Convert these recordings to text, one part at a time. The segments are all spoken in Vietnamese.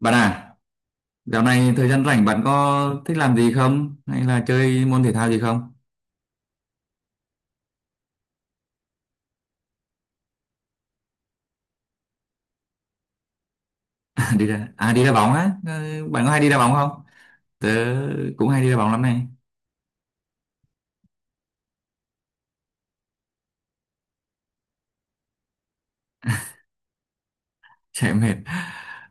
Bạn à, dạo này thời gian rảnh bạn có thích làm gì không? Hay là chơi môn thể thao gì không? À, đi ra, đi đá bóng á? Ờ, Bạn có hay đi đá bóng không? Tớ cũng hay đi đá bóng lắm này. Chạy mệt.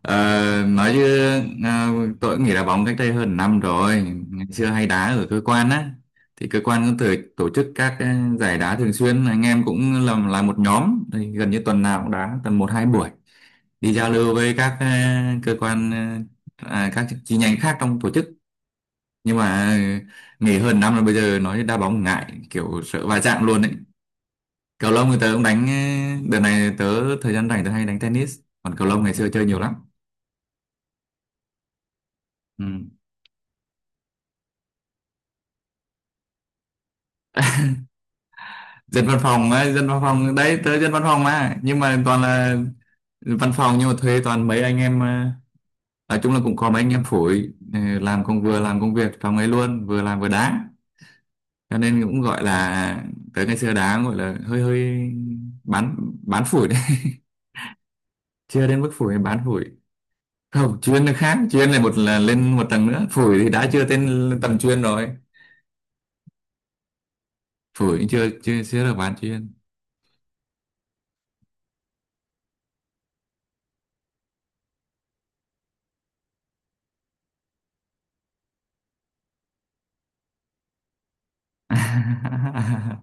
Ờ, nói chứ à, tôi cũng nghỉ đá bóng cách đây hơn năm rồi. Ngày xưa hay đá ở cơ quan á. Thì cơ quan cũng tổ chức các giải đá thường xuyên. Anh em cũng làm là một nhóm. Thì gần như tuần nào cũng đá tầm một hai buổi. Đi giao lưu với các cơ quan các chi nhánh khác trong tổ chức, nhưng mà nghỉ hơn năm là bây giờ nói đá bóng ngại kiểu sợ va chạm luôn ấy. Cầu lông thì tớ cũng đánh. Đợt này tớ thời gian rảnh tớ hay đánh tennis, còn cầu lông ngày xưa chơi nhiều lắm. Ừ. Dân văn phòng ấy, dân văn phòng đấy, tớ dân văn phòng mà, nhưng mà toàn là văn phòng nhưng mà thuê toàn mấy anh em nói chung là cũng có mấy anh em phủi làm công, vừa làm công việc trong ấy luôn vừa làm vừa đá, cho nên cũng gọi là tớ ngày xưa đá gọi là hơi hơi bán bán phủi đấy. Chưa đến mức phủi, bán phủi không chuyên là khác, chuyên là một là lên một tầng nữa, phổi thì đã chưa tên tầng chuyên rồi. Phổi cũng chưa chưa chưa được bán chuyên.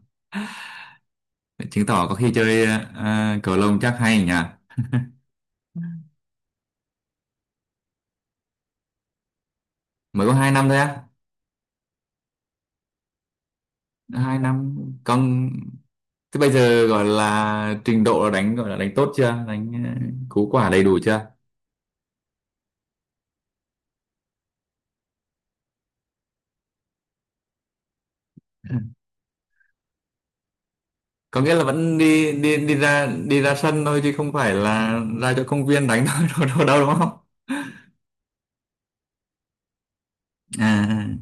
Chứng tỏ có khi chơi cầu lông chắc hay nhỉ. Mới có hai năm thôi á? Hai năm con, thế bây giờ gọi là trình độ là đánh gọi là đánh tốt chưa, đánh cú quả đầy đủ chưa? Có nghĩa là vẫn đi đi đi ra sân thôi chứ không phải là ra cho công viên đánh thôi, đâu, đúng không? À.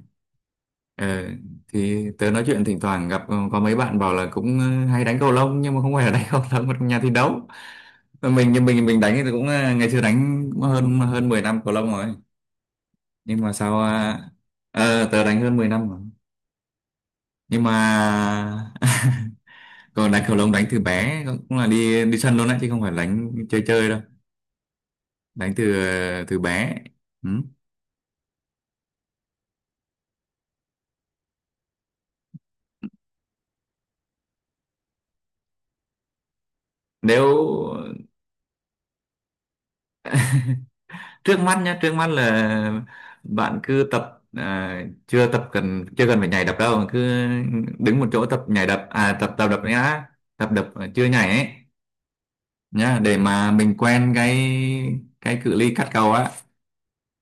Ờ, thì tớ nói chuyện thỉnh thoảng gặp có mấy bạn bảo là cũng hay đánh cầu lông nhưng mà không phải là đánh cầu lông mà trong nhà thi đấu. Mà mình, nhưng mình đánh thì cũng ngày xưa đánh cũng hơn hơn mười năm cầu lông rồi, nhưng mà sao tớ đánh hơn 10 năm rồi nhưng mà. Còn đánh cầu lông đánh từ bé cũng cũng là đi đi sân luôn đấy chứ không phải đánh chơi chơi đâu, đánh từ từ bé. Ừ. Nếu trước mắt nhá, trước mắt là bạn cứ tập, chưa tập cần, chưa cần phải nhảy đập đâu, cứ đứng một chỗ tập nhảy đập, tập tập đập nhá, tập đập mà chưa nhảy ấy nhá, để mà mình quen cái cự ly cắt cầu á,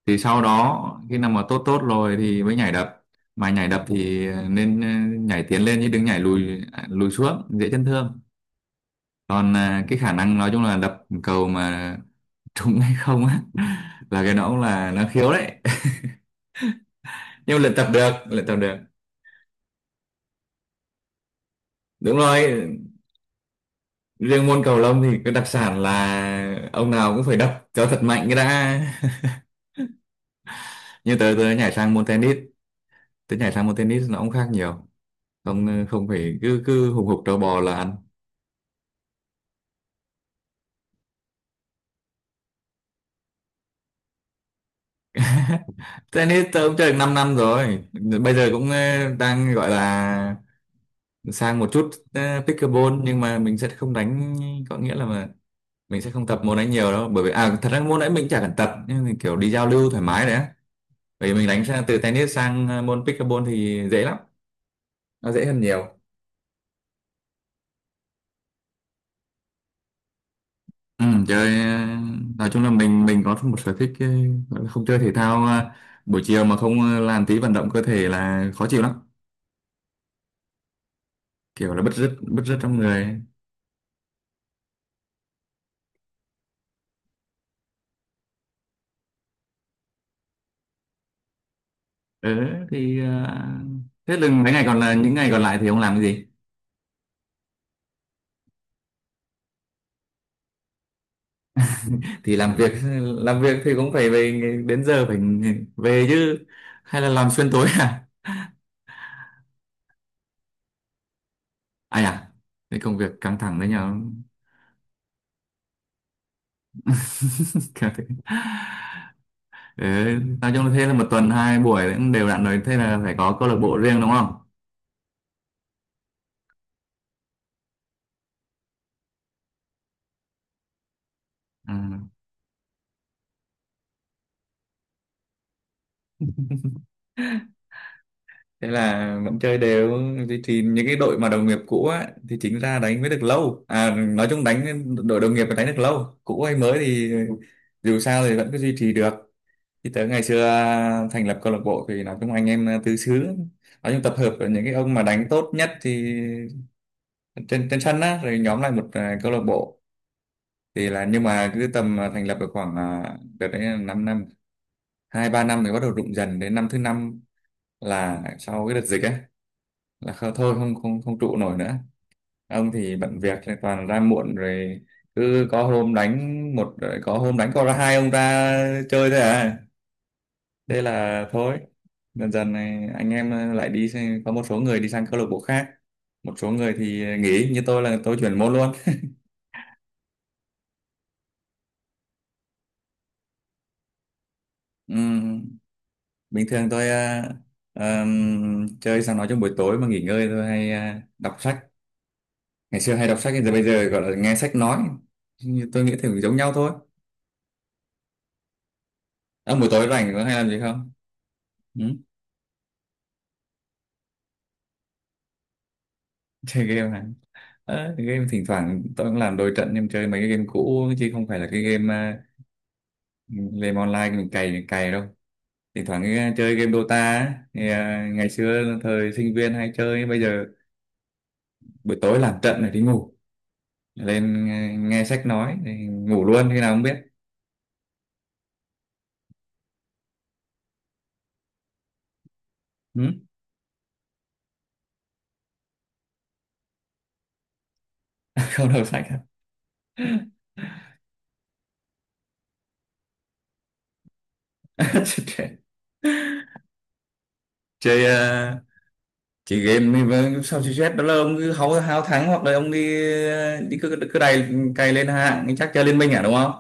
thì sau đó khi nào mà tốt tốt rồi thì mới nhảy đập. Mà nhảy đập thì nên nhảy tiến lên chứ đừng nhảy lùi, lùi xuống dễ chấn thương. Còn cái khả năng nói chung là đập cầu mà trúng hay không á, là cái nó cũng là nó khiếu đấy, nhưng mà luyện tập được. Đúng rồi, riêng môn cầu lông thì cái đặc sản là ông nào cũng phải đập cho thật mạnh cái đã. Như tớ tớ nhảy sang môn tennis, tớ nhảy sang môn tennis nó cũng khác nhiều, không không phải cứ cứ hùng hục trâu bò là ăn. Tennis tớ cũng chơi được 5 năm rồi, bây giờ cũng đang gọi là sang một chút pickleball, nhưng mà mình sẽ không đánh, có nghĩa là mà mình sẽ không tập môn ấy nhiều đâu, bởi vì à thật ra môn ấy mình chả cần tập nhưng mà kiểu đi giao lưu thoải mái đấy. Bởi vì mình đánh sang từ tennis sang môn pickleball thì dễ lắm, nó dễ hơn nhiều. Ừ, chơi nói chung là mình có một sở thích gọi là không chơi thể thao, buổi chiều mà không làm tí vận động cơ thể là khó chịu lắm, kiểu là bứt rứt trong người. Ừ, thì thế là mấy ngày còn là những ngày còn lại thì ông làm cái gì? Thì làm việc, làm việc thì cũng phải về đến giờ phải về chứ, hay là làm xuyên tối à? Ai à? Cái công việc căng thẳng đấy nhở? Căng thẳng. Thế, nói chung là thế là một tuần hai buổi cũng đều đặn rồi, thế là phải có câu lạc bộ riêng đúng không? Ừ. Thế là vẫn chơi đều. Thì những cái đội mà đồng nghiệp cũ á, thì chính ra đánh mới được lâu à, nói chung đánh đội đồng nghiệp mà đánh được lâu cũ hay mới thì dù sao thì vẫn cứ duy trì được. Thì tới ngày xưa thành lập câu lạc bộ thì nói chung anh em tứ xứ, nói chung tập hợp ở những cái ông mà đánh tốt nhất thì trên trên sân á, rồi nhóm lại một, câu lạc bộ. Thì là nhưng mà cứ tầm, thành lập được khoảng, đợt đấy là năm năm hai ba năm thì bắt đầu rụng dần, đến năm thứ năm là sau cái đợt dịch ấy là thôi không không không trụ nổi nữa. Ông thì bận việc thì toàn ra muộn rồi, cứ có hôm đánh một rồi có hôm đánh có ra hai ông ra chơi thôi à, thế là thôi, dần dần này anh em lại đi sang- có một số người đi sang câu lạc bộ khác, một số người thì nghỉ như tôi là tôi chuyển môn luôn. Ừm, bình thường tôi chơi sang nói trong buổi tối mà nghỉ ngơi tôi hay đọc sách, ngày xưa hay đọc sách giờ bây giờ gọi là nghe sách nói. Nhưng tôi nghĩ thì giống nhau thôi. À, buổi tối rảnh có hay làm gì không ừ? Chơi game này, game thỉnh thoảng tôi cũng làm đôi trận nhưng chơi mấy cái game cũ chứ không phải là cái game, game online mình cày cày đâu. Thỉnh thoảng chơi game Dota á, thì, ngày xưa thời sinh viên hay chơi, bây giờ buổi tối làm trận rồi đi ngủ, lên nghe sách nói thì ngủ luôn khi nào không biết. Ừ? Không đọc sách à? Chơi chị game đi với sao chị chết đó là ông cứ háo háo thắng hoặc là ông đi đi cứ cứ đầy, cày lên hạng chắc chơi liên minh à đúng không?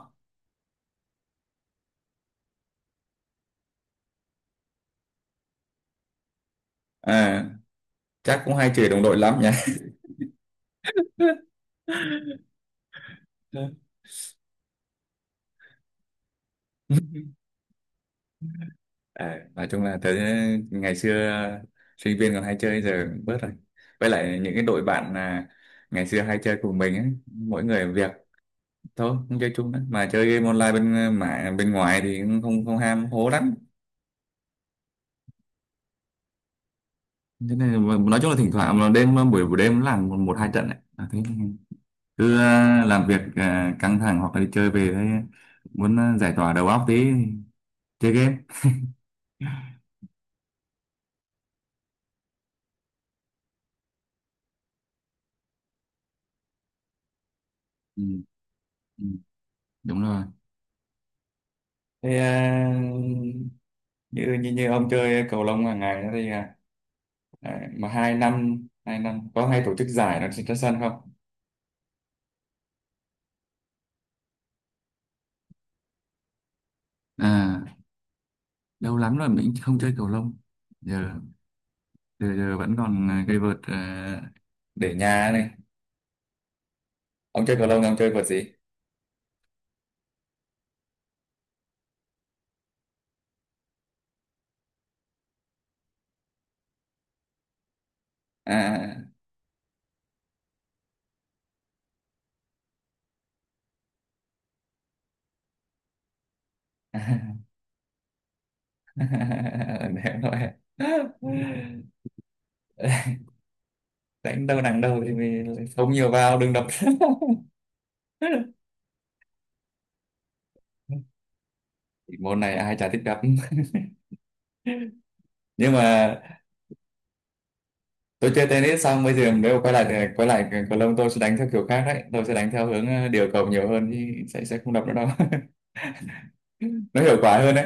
À, chắc cũng hay chửi đồng đội lắm nhỉ. À, nói chung là tới ngày xưa sinh viên còn hay chơi giờ cũng bớt rồi, với lại những cái đội bạn, ngày xưa hay chơi cùng mình ấy mỗi người một việc, thôi không chơi chung nữa mà chơi game online bên, mà bên ngoài thì cũng không không ham hố lắm. Thế nên là nói chung là thỉnh thoảng mà đêm buổi buổi đêm làm một, một hai trận ấy. À, thế cứ làm việc căng thẳng hoặc là đi chơi về thấy muốn giải tỏa đầu óc tí chơi game. Ừ, ừ, đúng rồi. Thế à, như như ông chơi cầu lông hàng ngày đó thì, đấy, mà hai năm, hai năm có hay tổ chức giải nó trên sân không? À lâu lắm rồi mình không chơi cầu lông, giờ, giờ vẫn còn cây vợt để nhà này. Ông chơi cầu lông thì ông chơi vợt gì? À. Đéo nói. Đánh đâu nặng đâu thì mình không nhiều vào đừng đập. Môn này ai chả thích đập. Nhưng mà tôi chơi tennis xong bây giờ nếu quay lại thì- quay lại cầu lông tôi sẽ đánh theo kiểu khác đấy, tôi sẽ đánh theo hướng điều cầu nhiều hơn thì sẽ không đập nữa đâu. Nó hiệu quả hơn đấy.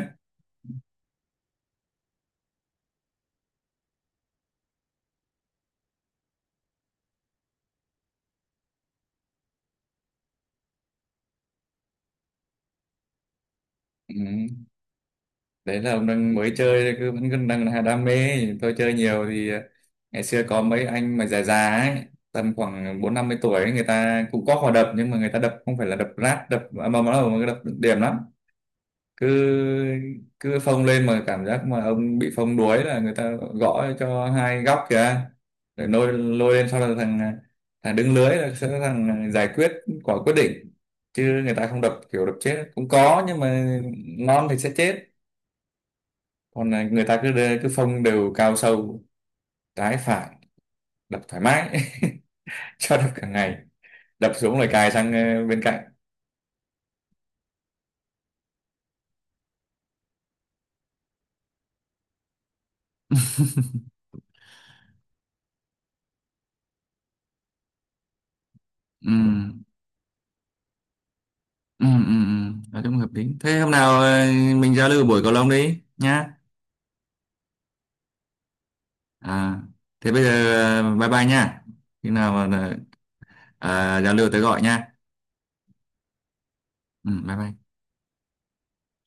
Ừ. Đấy là ông đang mới chơi cứ vẫn cứ đang là đam mê, tôi chơi nhiều thì ngày xưa có mấy anh mà già già ấy tầm khoảng 40-50 tuổi ấy, người ta cũng có hòa đập nhưng mà người ta đập không phải là đập rát đập, mà nó là đập điểm lắm, cứ cứ phông lên mà cảm giác mà ông bị phông đuối là người ta gõ cho hai góc kìa, rồi lôi lôi lên sau là thằng thằng đứng lưới là sẽ là thằng giải quyết quả quyết định, chứ người ta không đập kiểu đập chết cũng có nhưng mà ngon thì sẽ chết. Còn là người ta cứ đưa- cứ phông đều cao sâu trái phải, đập thoải mái, cho đập cả ngày, đập xuống rồi cài sang bên cạnh. Ừ ừ ừ, ừ. Nói chung hợp lý, thế hôm nào mình giao lưu buổi cầu lông đi nhá. À, thế bây giờ, à, bye bye nha. Khi nào mà ờ, giao lưu tới gọi nha. Ừ, bye bye.